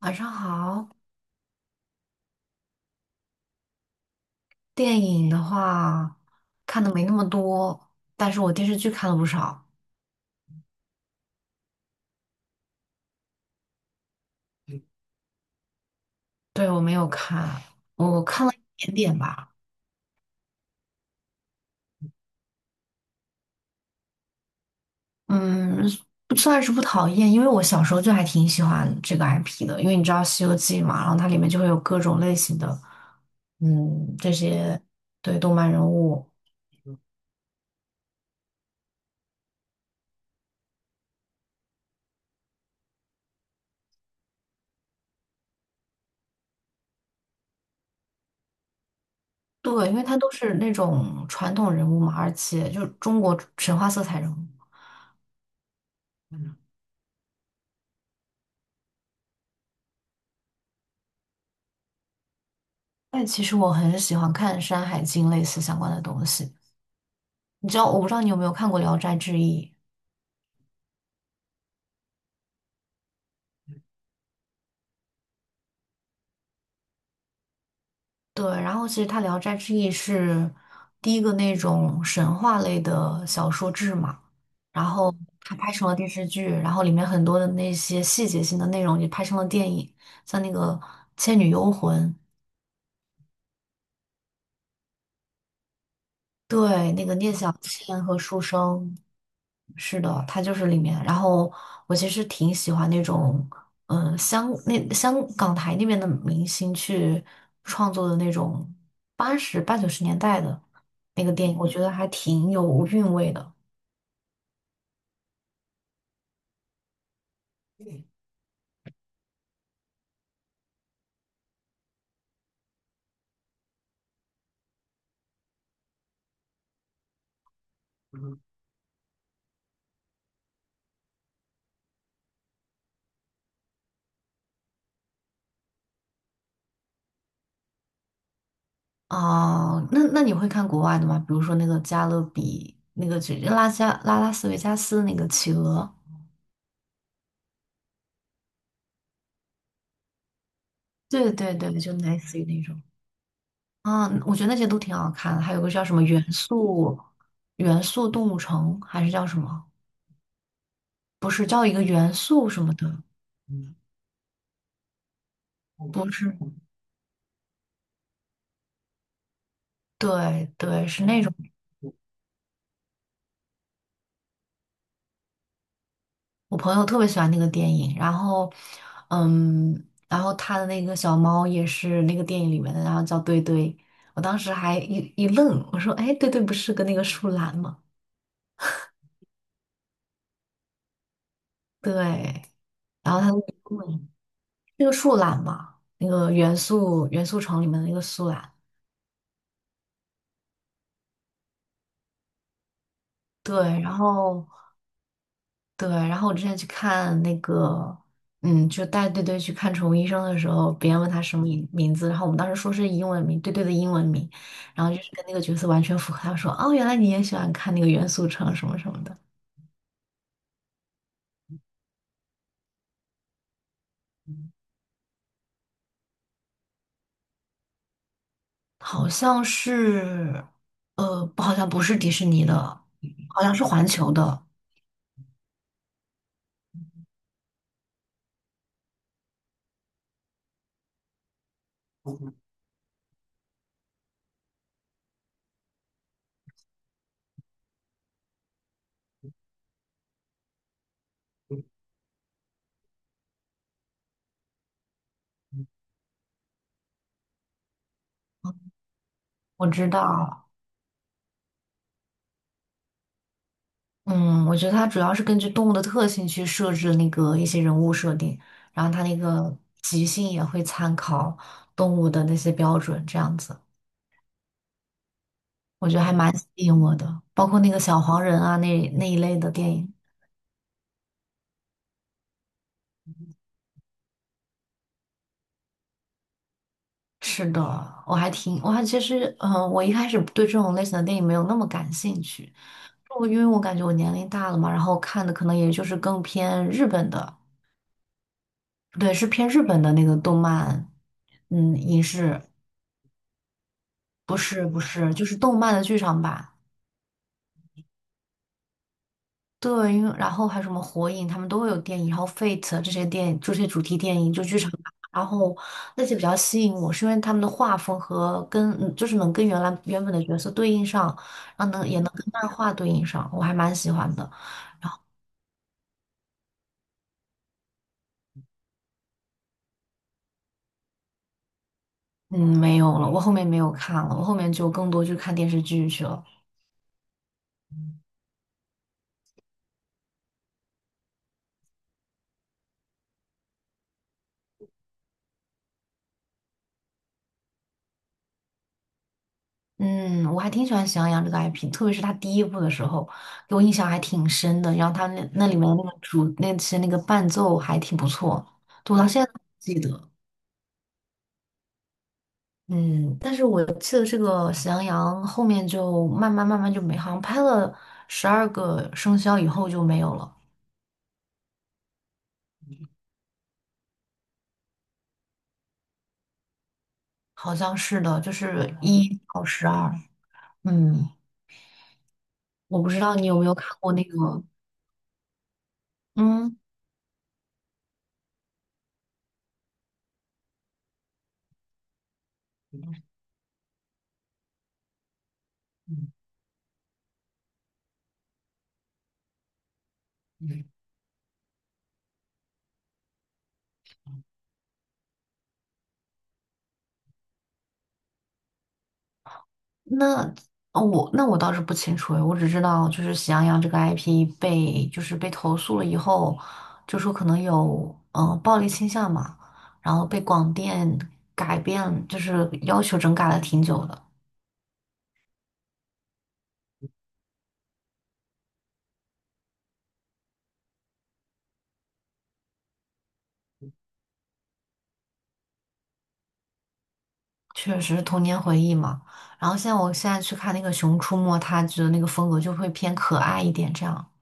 晚上好。电影的话看的没那么多，但是我电视剧看了不少。对，我没有看，我看了一点点吧。嗯，不算是不讨厌，因为我小时候就还挺喜欢这个 IP 的，因为你知道《西游记》嘛，然后它里面就会有各种类型的，这些对动漫人物，对，因为它都是那种传统人物嘛，而且就是中国神话色彩人物。嗯，但其实我很喜欢看《山海经》类似相关的东西。你知道，我不知道你有没有看过《聊斋志异》？对，然后其实它《聊斋志异》是第一个那种神话类的小说志嘛，然后它拍成了电视剧，然后里面很多的那些细节性的内容也拍成了电影，像那个《倩女幽魂》。对，那个聂小倩和书生，是的，他就是里面。然后我其实挺喜欢那种，香港台那边的明星去创作的那种八九十年代的那个电影，我觉得还挺有韵味的。啊，那你会看国外的吗？比如说那个《加勒比》，那个就拉斯维加斯那个企鹅，对对对，就类似于那种。啊，我觉得那些都挺好看的，还有个叫什么元素动物城，还是叫什么？不是叫一个元素什么的，不是，对对，是那种。我朋友特别喜欢那个电影，嗯，然后他的那个小猫也是那个电影里面的，然后叫堆堆。我当时还一愣，我说："哎，堆堆不是跟那个树懒吗？"对，然后他就问那个树懒嘛，那个元素城里面的那个树懒。对，然后对，然后我之前去看那个，就带队队去看宠物医生的时候，别人问他什么名字，然后我们当时说是英文名，队队的英文名，然后就是跟那个角色完全符合。他说："哦，原来你也喜欢看那个元素城什么什么的，好像是，不好像不是迪士尼的，好像是环球的，我知道。"嗯，我觉得它主要是根据动物的特性去设置那个一些人物设定，然后它那个即兴也会参考动物的那些标准，这样子，我觉得还蛮吸引我的。包括那个小黄人啊，那一类的电影。是的，我还其实，我一开始对这种类型的电影没有那么感兴趣，因为我感觉我年龄大了嘛，然后看的可能也就是更偏日本的，对，是偏日本的那个动漫，影视。不是不是，就是动漫的剧场版。对，因为然后还有什么火影，他们都会有电影，然后 Fate 这些电影，这些主题电影就剧场版。然后那些比较吸引我，是因为他们的画风跟就是能跟原本的角色对应上，然后也能跟漫画对应上，我还蛮喜欢的。嗯，没有了，我后面没有看了，我后面就更多去看电视剧去了。嗯，我还挺喜欢《喜羊羊》这个 IP,特别是它第一部的时候，给我印象还挺深的。然后它那里面的那个主那些那个伴奏还挺不错，对我到现在都记得。嗯，但是我记得这个《喜羊羊》后面就慢慢就没，好像拍了12个生肖以后就没有了，好像是的，就是1到12。嗯，我不知道你有没有看过那个，嗯。那哦我那我倒是不清楚诶，我只知道就是喜羊羊这个 IP 被就是被投诉了以后，就说可能有暴力倾向嘛，然后被广电改变，就是要求整改了挺久的，确实是童年回忆嘛。然后我现在去看那个《熊出没》，他觉得那个风格就会偏可爱一点这样。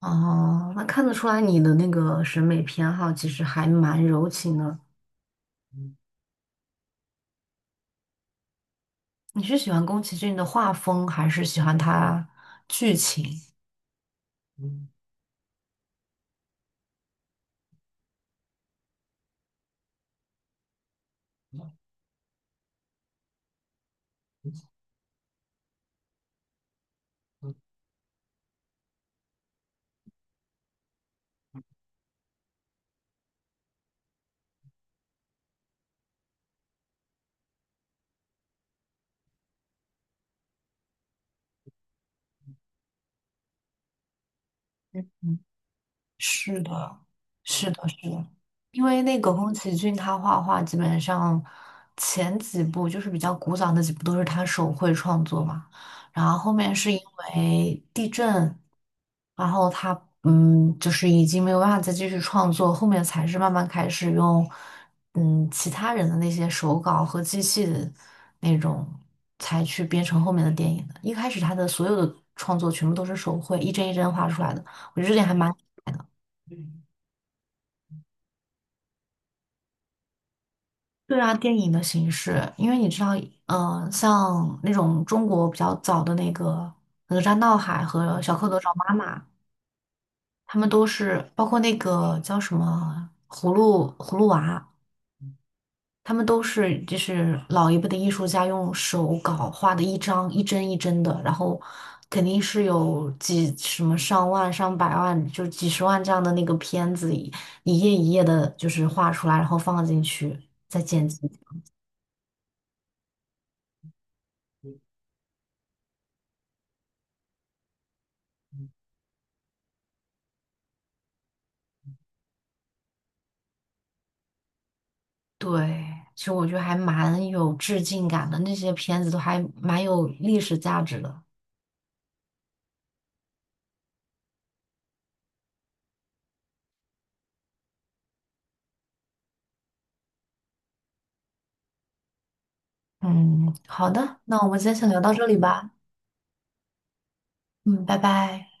哦，那看得出来你的那个审美偏好其实还蛮柔情的。你是喜欢宫崎骏的画风，还是喜欢他剧情？嗯，是的，是的，是的，因为那个宫崎骏他画画基本上前几部就是比较古早的几部都是他手绘创作嘛，然后后面是因为地震，然后他就是已经没有办法再继续创作，后面才是慢慢开始用其他人的那些手稿和机器的那种才去编成后面的电影的，一开始他的所有的创作全部都是手绘，一帧一帧画出来的。我觉得这点还蛮。对啊，电影的形式，因为你知道，像那种中国比较早的那个《哪吒闹海》和《小蝌蚪找妈妈》，他们都是包括那个叫什么《葫芦娃》，他们都是就是老一辈的艺术家用手稿画的一张一帧一帧的，然后肯定是有几什么上万、上百万，就几十万这样的那个片子，一页一页的，就是画出来，然后放进去再剪辑。对，其实我觉得还蛮有致敬感的，那些片子都还蛮有历史价值的。嗯，好的，那我们今天先聊到这里吧。嗯，拜拜。